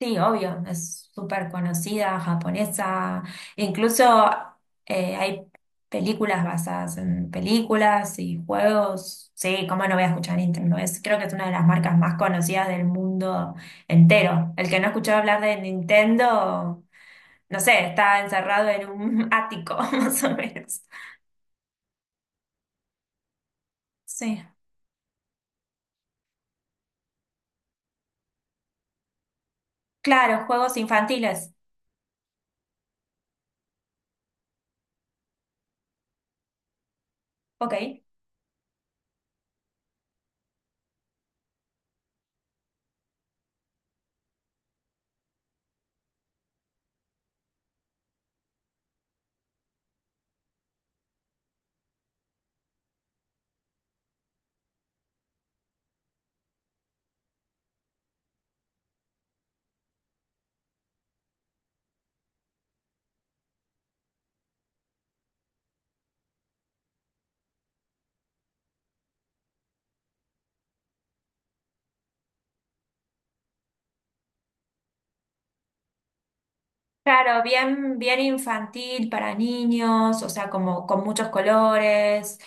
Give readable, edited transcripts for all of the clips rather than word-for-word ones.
Sí, obvio, es súper conocida, japonesa, incluso hay películas basadas en películas y juegos. Sí, ¿cómo no voy a escuchar a Nintendo? Es, creo que es una de las marcas más conocidas del mundo entero. El que no escuchó hablar de Nintendo, no sé, está encerrado en un ático, más o menos. Sí, claro, juegos infantiles. Ok. Claro, bien, bien infantil para niños, o sea, como con muchos colores,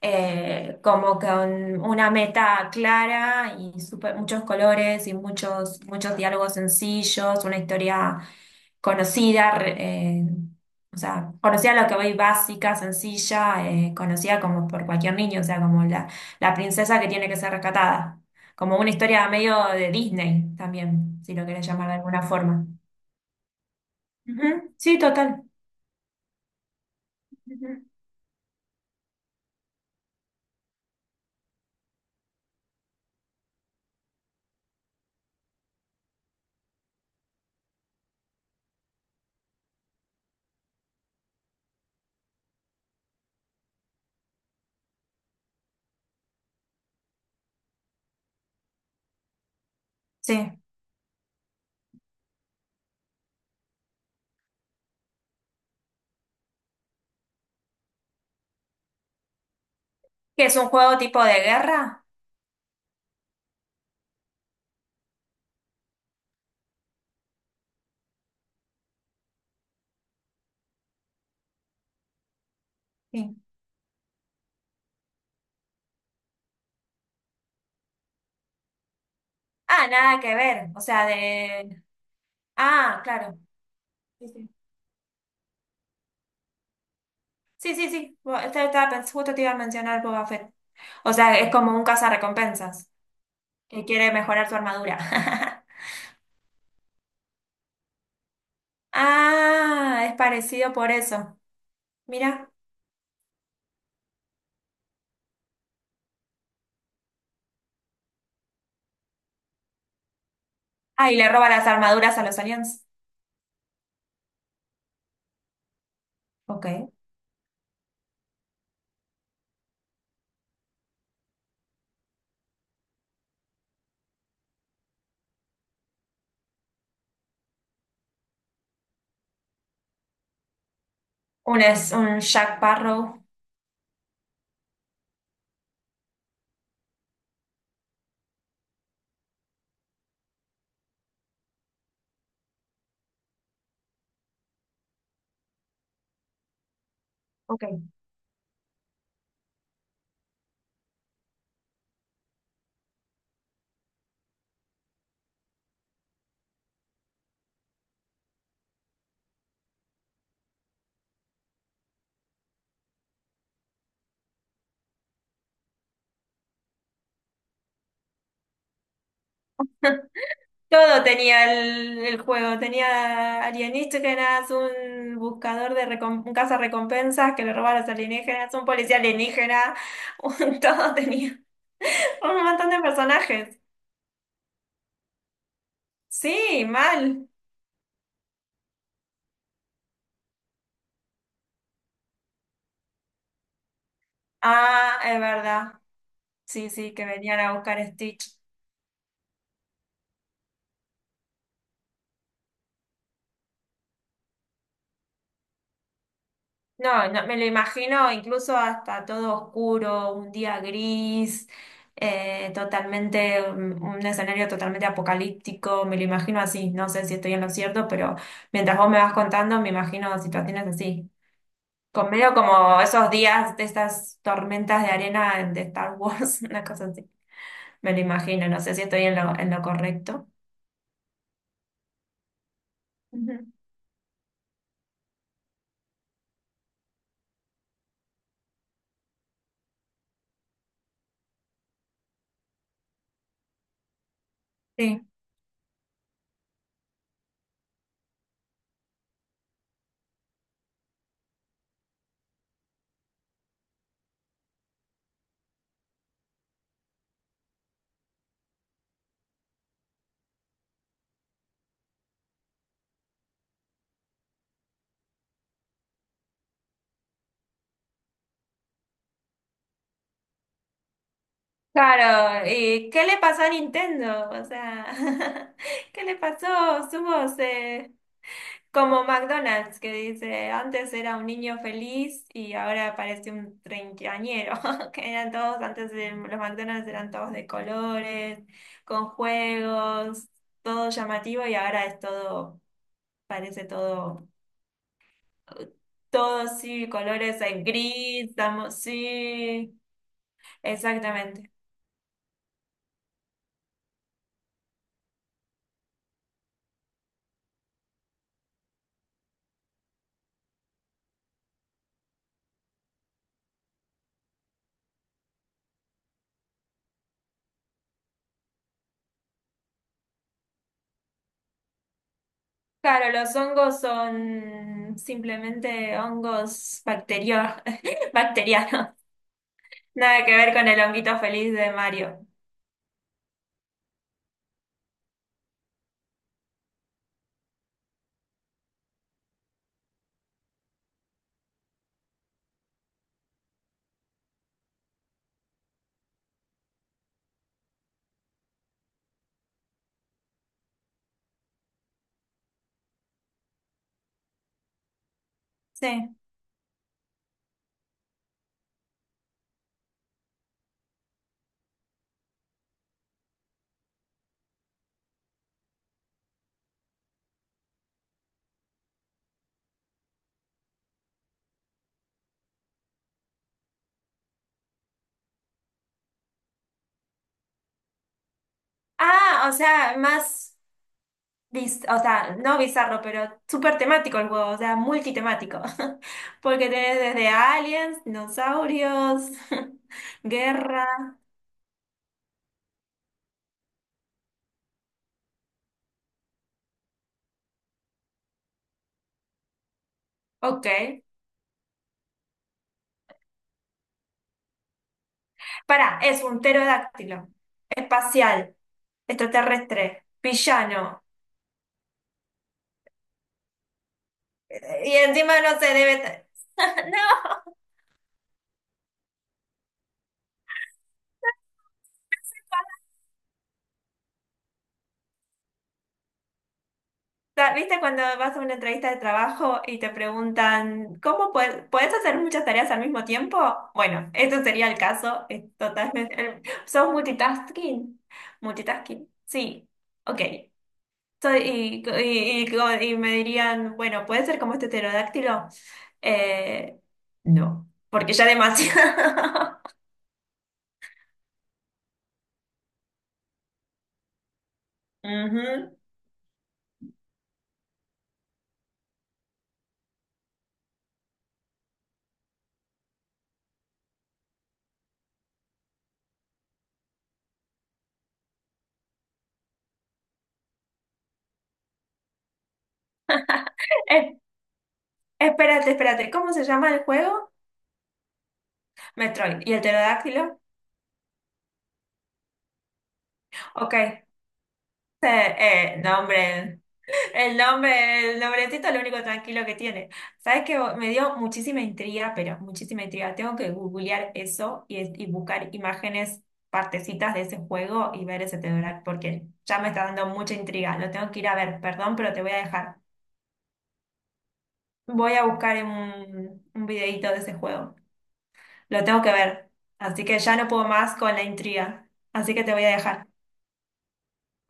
como con una meta clara y muchos colores y muchos, muchos diálogos sencillos, una historia conocida, o sea, conocida a lo que voy, básica, sencilla, conocida como por cualquier niño, o sea, como la princesa que tiene que ser rescatada, como una historia medio de Disney también, si lo querés llamar de alguna forma. Ujú, sí, total. Ujú, sí. ¿Que es un juego tipo de guerra? Sí. Ah, nada que ver. O sea, de. Ah, claro. Sí, sí. Sí, sí, sí. Bueno, este estaba justo te iba a mencionar Boba Fett. O sea, es como un cazarrecompensas que quiere mejorar su armadura. Ah, es parecido por eso. Mira. Ah, y le roba las armaduras a los aliens. Ok. Un es un Jack Barrow. Todo tenía el juego. Tenía alienígenas, un buscador de un recompensas que le robaba a los alienígenas, un policía alienígena, todo tenía. Un montón de personajes. Sí, mal. Ah, es verdad. Sí, sí, que venían a buscar a Stitch. No, no, me lo imagino incluso hasta todo oscuro, un día gris, totalmente, un escenario totalmente apocalíptico, me lo imagino así, no sé si estoy en lo cierto, pero mientras vos me vas contando, me imagino situaciones así. Con medio como esos días de estas tormentas de arena de Star Wars, una cosa así. Me lo imagino, no sé si estoy en lo, correcto. Ujú. Claro, ¿y qué le pasó a Nintendo? O sea, ¿qué le pasó? Somos como McDonald's, que dice, antes era un niño feliz y ahora parece un treintañero, que eran todos, los McDonald's eran todos de colores, con juegos, todo llamativo, y ahora es todo, parece todo, todo, sí, colores en gris, estamos, sí, exactamente. Claro, los hongos son simplemente hongos bacterianos. Nada que ver con el honguito feliz de Mario. Sí. Ah, o sea, más, o sea, no bizarro, pero súper temático el juego, o sea, multitemático. Porque tenés desde aliens, dinosaurios, guerra. Ok. Pará, es un pterodáctilo, espacial, extraterrestre, villano. Y encima no se debe. No, ¿viste cuando vas a una entrevista de trabajo y te preguntan ¿cómo puedes hacer muchas tareas al mismo tiempo? Bueno, esto sería el caso, es totalmente. ¿Sos multitasking? Multitasking, sí, ok. Soy, y me dirían, bueno, ¿puede ser como este pterodáctilo? Eh, no, porque ya demasiado. Ujú. Eh, espérate, espérate, ¿cómo se llama el juego? Metroid. ¿Y el pterodáctilo? Ok. Eh, nombre, el el nombrecito es lo único tranquilo que tiene. Sabes que me dio muchísima intriga, pero muchísima intriga. Tengo que googlear eso y buscar imágenes, partecitas de ese juego y ver ese titular, porque ya me está dando mucha intriga. Lo tengo que ir a ver, perdón, pero te voy a dejar. Voy a buscar un videíto de ese juego. Lo tengo que ver. Así que ya no puedo más con la intriga. Así que te voy a dejar.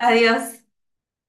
Adiós.